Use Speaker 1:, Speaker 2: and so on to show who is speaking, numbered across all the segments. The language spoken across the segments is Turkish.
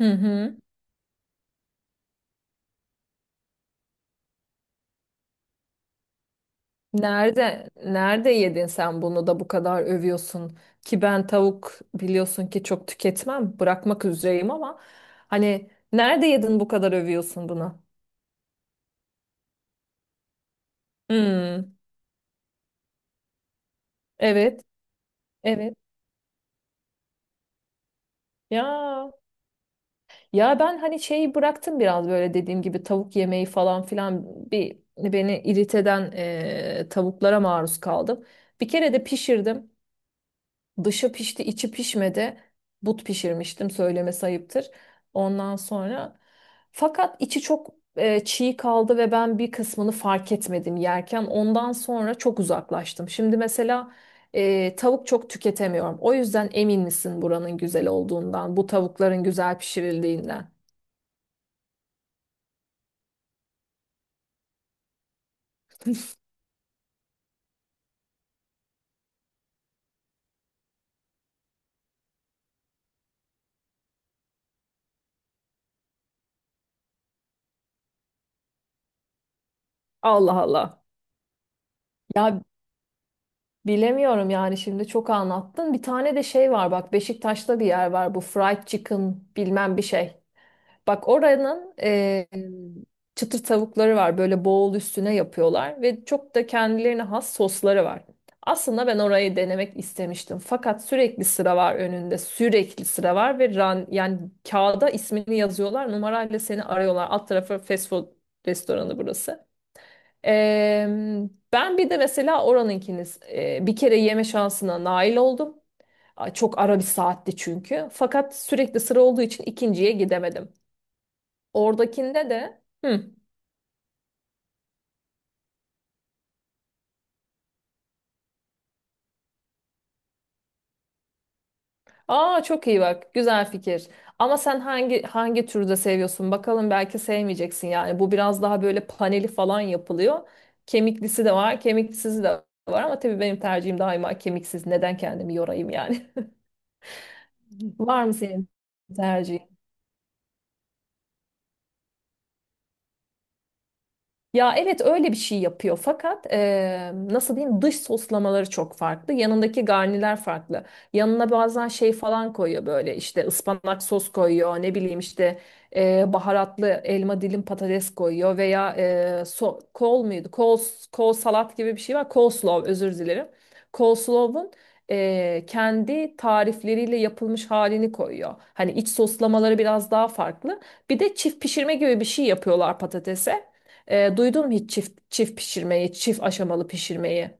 Speaker 1: Hı hı. Nerede yedin sen bunu da bu kadar övüyorsun ki ben tavuk biliyorsun ki çok tüketmem bırakmak üzereyim ama hani nerede yedin bu kadar övüyorsun bunu? Hmm. Evet, evet. Ya, ya ben hani şeyi bıraktım biraz böyle dediğim gibi tavuk yemeği falan filan. Bir beni irite eden tavuklara maruz kaldım. Bir kere de pişirdim. Dışı pişti, içi pişmedi. But pişirmiştim, söylemesi ayıptır. Ondan sonra fakat içi çok çiğ kaldı ve ben bir kısmını fark etmedim yerken. Ondan sonra çok uzaklaştım. Şimdi mesela tavuk çok tüketemiyorum. O yüzden emin misin buranın güzel olduğundan, bu tavukların güzel pişirildiğinden? Allah Allah. Ya, bilemiyorum yani, şimdi çok anlattın. Bir tane de şey var, bak, Beşiktaş'ta bir yer var, bu fried chicken bilmem bir şey. Bak, oranın çıtır tavukları var. Böyle boğul üstüne yapıyorlar ve çok da kendilerine has sosları var. Aslında ben orayı denemek istemiştim. Fakat sürekli sıra var önünde. Sürekli sıra var ve yani kağıda ismini yazıyorlar. Numarayla seni arıyorlar. Alt tarafı fast food restoranı burası. E, ben bir de mesela oranınkini bir kere yeme şansına nail oldum. Ay, çok ara bir saatti çünkü. Fakat sürekli sıra olduğu için ikinciye gidemedim. Oradakinde de hı. Aa, çok iyi bak. Güzel fikir. Ama sen hangi türde seviyorsun? Bakalım, belki sevmeyeceksin yani. Bu biraz daha böyle paneli falan yapılıyor. Kemiklisi de var, kemiksizi de var, ama tabii benim tercihim daima kemiksiz. Neden kendimi yorayım yani? Var mı senin tercihin? Ya evet, öyle bir şey yapıyor, fakat nasıl diyeyim, dış soslamaları çok farklı. Yanındaki garniler farklı. Yanına bazen şey falan koyuyor, böyle işte ıspanak sos koyuyor, ne bileyim işte baharatlı elma dilim patates koyuyor, veya kol muydu? Kol salat gibi bir şey var. Coleslaw, özür dilerim. Coleslaw'un kendi tarifleriyle yapılmış halini koyuyor. Hani iç soslamaları biraz daha farklı. Bir de çift pişirme gibi bir şey yapıyorlar patatese. Duydun mu hiç çift çift pişirmeyi, çift aşamalı pişirmeyi?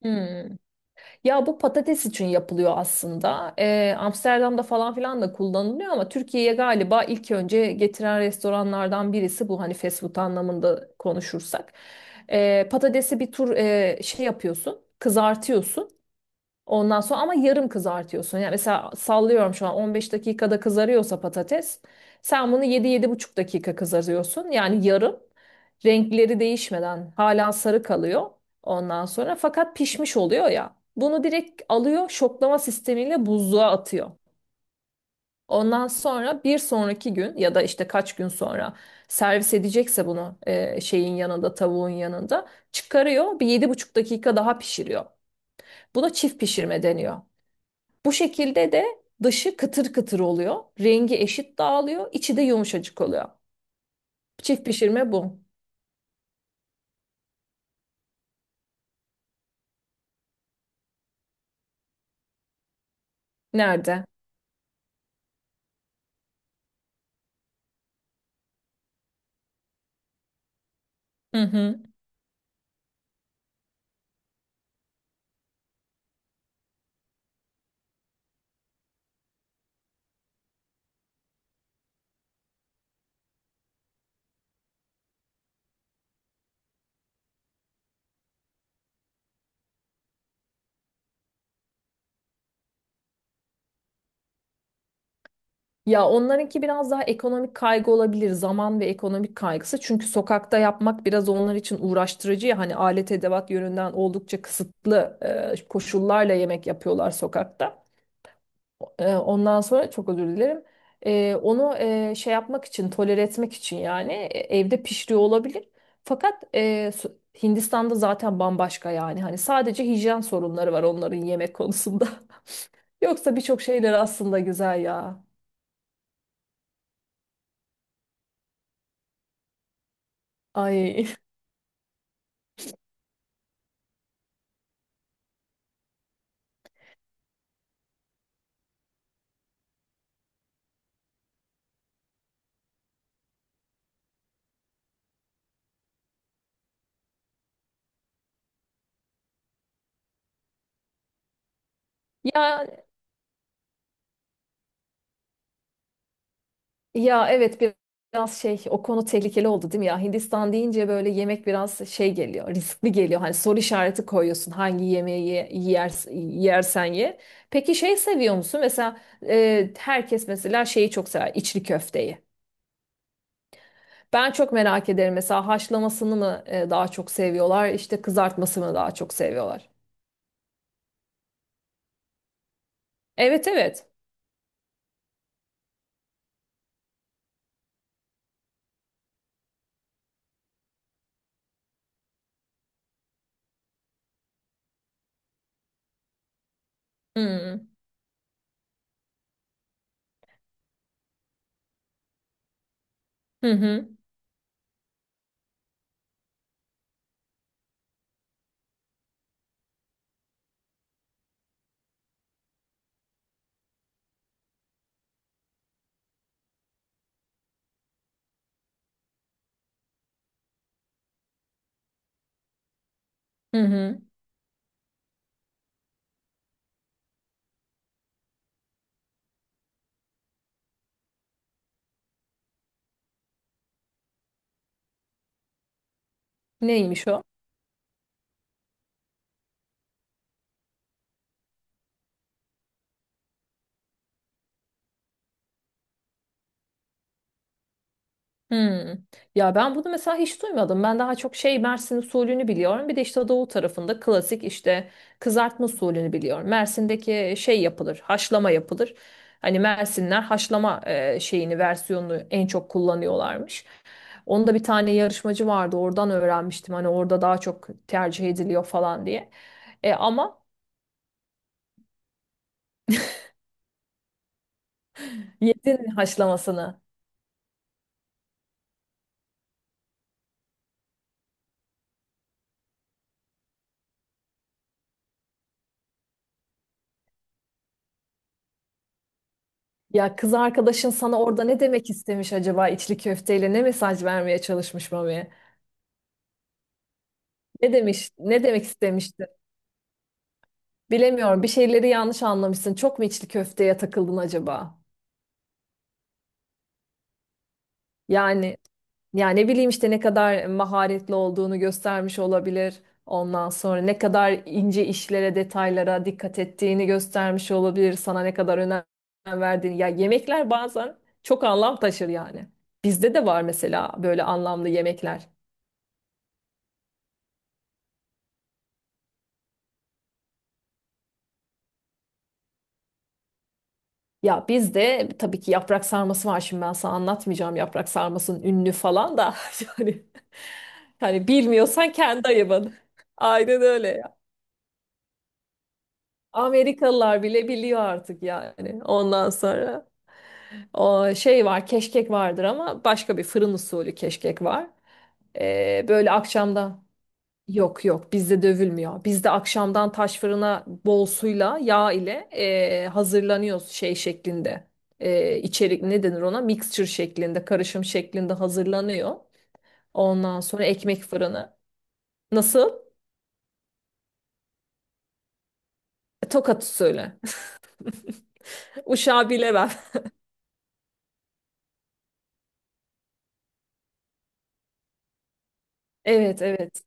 Speaker 1: Hmm. Ya, bu patates için yapılıyor aslında. Amsterdam'da falan filan da kullanılıyor, ama Türkiye'ye galiba ilk önce getiren restoranlardan birisi bu, hani fast food anlamında konuşursak. Patatesi bir tur şey yapıyorsun, kızartıyorsun. Ondan sonra ama yarım kızartıyorsun. Yani mesela sallıyorum, şu an 15 dakikada kızarıyorsa patates, sen bunu 7 buçuk dakika kızarıyorsun. Yani yarım, renkleri değişmeden hala sarı kalıyor, ondan sonra fakat pişmiş oluyor ya. Bunu direkt alıyor, şoklama sistemiyle buzluğa atıyor. Ondan sonra bir sonraki gün ya da işte kaç gün sonra servis edecekse, bunu şeyin yanında, tavuğun yanında çıkarıyor, bir yedi buçuk dakika daha pişiriyor. Buna çift pişirme deniyor. Bu şekilde de dışı kıtır kıtır oluyor. Rengi eşit dağılıyor, içi de yumuşacık oluyor. Çift pişirme bu. Nerede? Hı hı. Ya, onlarınki biraz daha ekonomik kaygı olabilir. Zaman ve ekonomik kaygısı. Çünkü sokakta yapmak biraz onlar için uğraştırıcı ya. Hani alet edevat yönünden oldukça kısıtlı koşullarla yemek yapıyorlar sokakta. Ondan sonra, çok özür dilerim. Onu şey yapmak için, tolere etmek için yani evde pişiriyor olabilir. Fakat Hindistan'da zaten bambaşka yani. Hani sadece hijyen sorunları var onların yemek konusunda. Yoksa birçok şeyler aslında güzel ya. Ay. Ya, ya evet, biraz şey, o konu tehlikeli oldu değil mi, ya Hindistan deyince böyle yemek biraz şey geliyor, riskli geliyor, hani soru işareti koyuyorsun hangi yemeği yer, yersen ye. Peki şey seviyor musun mesela, herkes mesela şeyi çok sever, içli köfteyi. Ben çok merak ederim mesela, haşlamasını mı daha çok seviyorlar, işte kızartmasını mı daha çok seviyorlar. Evet, evet. Hmm. Hı hı. Hı hı. Neymiş o? Hmm. Ya ben bunu mesela hiç duymadım. Ben daha çok şey, Mersin usulünü biliyorum. Bir de işte doğu tarafında klasik işte kızartma usulünü biliyorum. Mersin'deki şey yapılır, haşlama yapılır. Hani Mersinler haşlama şeyini, versiyonunu en çok kullanıyorlarmış. Onda bir tane yarışmacı vardı. Oradan öğrenmiştim. Hani orada daha çok tercih ediliyor falan diye. Ama yedin mi haşlamasını? Ya, kız arkadaşın sana orada ne demek istemiş acaba, içli köfteyle ne mesaj vermeye çalışmış mı? Ne demiş, ne demek istemişti? Bilemiyorum. Bir şeyleri yanlış anlamışsın. Çok mu içli köfteye takıldın acaba? Yani yani ne bileyim, işte ne kadar maharetli olduğunu göstermiş olabilir. Ondan sonra ne kadar ince işlere, detaylara dikkat ettiğini göstermiş olabilir. Sana ne kadar önem verdiğini. Ya, yemekler bazen çok anlam taşır yani. Bizde de var mesela böyle anlamlı yemekler. Ya biz de tabii ki yaprak sarması var, şimdi ben sana anlatmayacağım yaprak sarmasının ünlü falan da yani, hani bilmiyorsan kendi ayıbın. Aynen öyle ya. Amerikalılar bile biliyor artık yani. Ondan sonra o şey var, keşkek vardır, ama başka bir fırın usulü keşkek var. Böyle akşamda. Yok, yok, bizde dövülmüyor. Bizde akşamdan taş fırına bol suyla yağ ile hazırlanıyoruz şey şeklinde. İçerik ne denir ona? Mixture şeklinde, karışım şeklinde hazırlanıyor. Ondan sonra ekmek fırını. Nasıl? Tokat usulü. Uşağı bilemem. Evet, evet.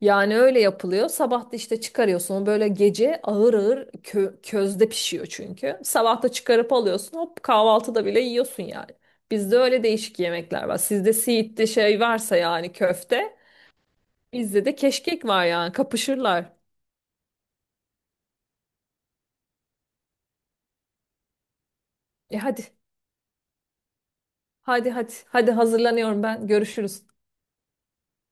Speaker 1: Yani öyle yapılıyor. Sabah da işte çıkarıyorsun. O böyle gece ağır ağır, közde pişiyor çünkü. Sabah da çıkarıp alıyorsun. Hop, kahvaltıda bile yiyorsun yani. Bizde öyle değişik yemekler var. Sizde siitli şey varsa yani, köfte. Bizde de keşkek var yani. Kapışırlar. Hadi. Hadi, hadi. Hadi, hazırlanıyorum ben. Görüşürüz.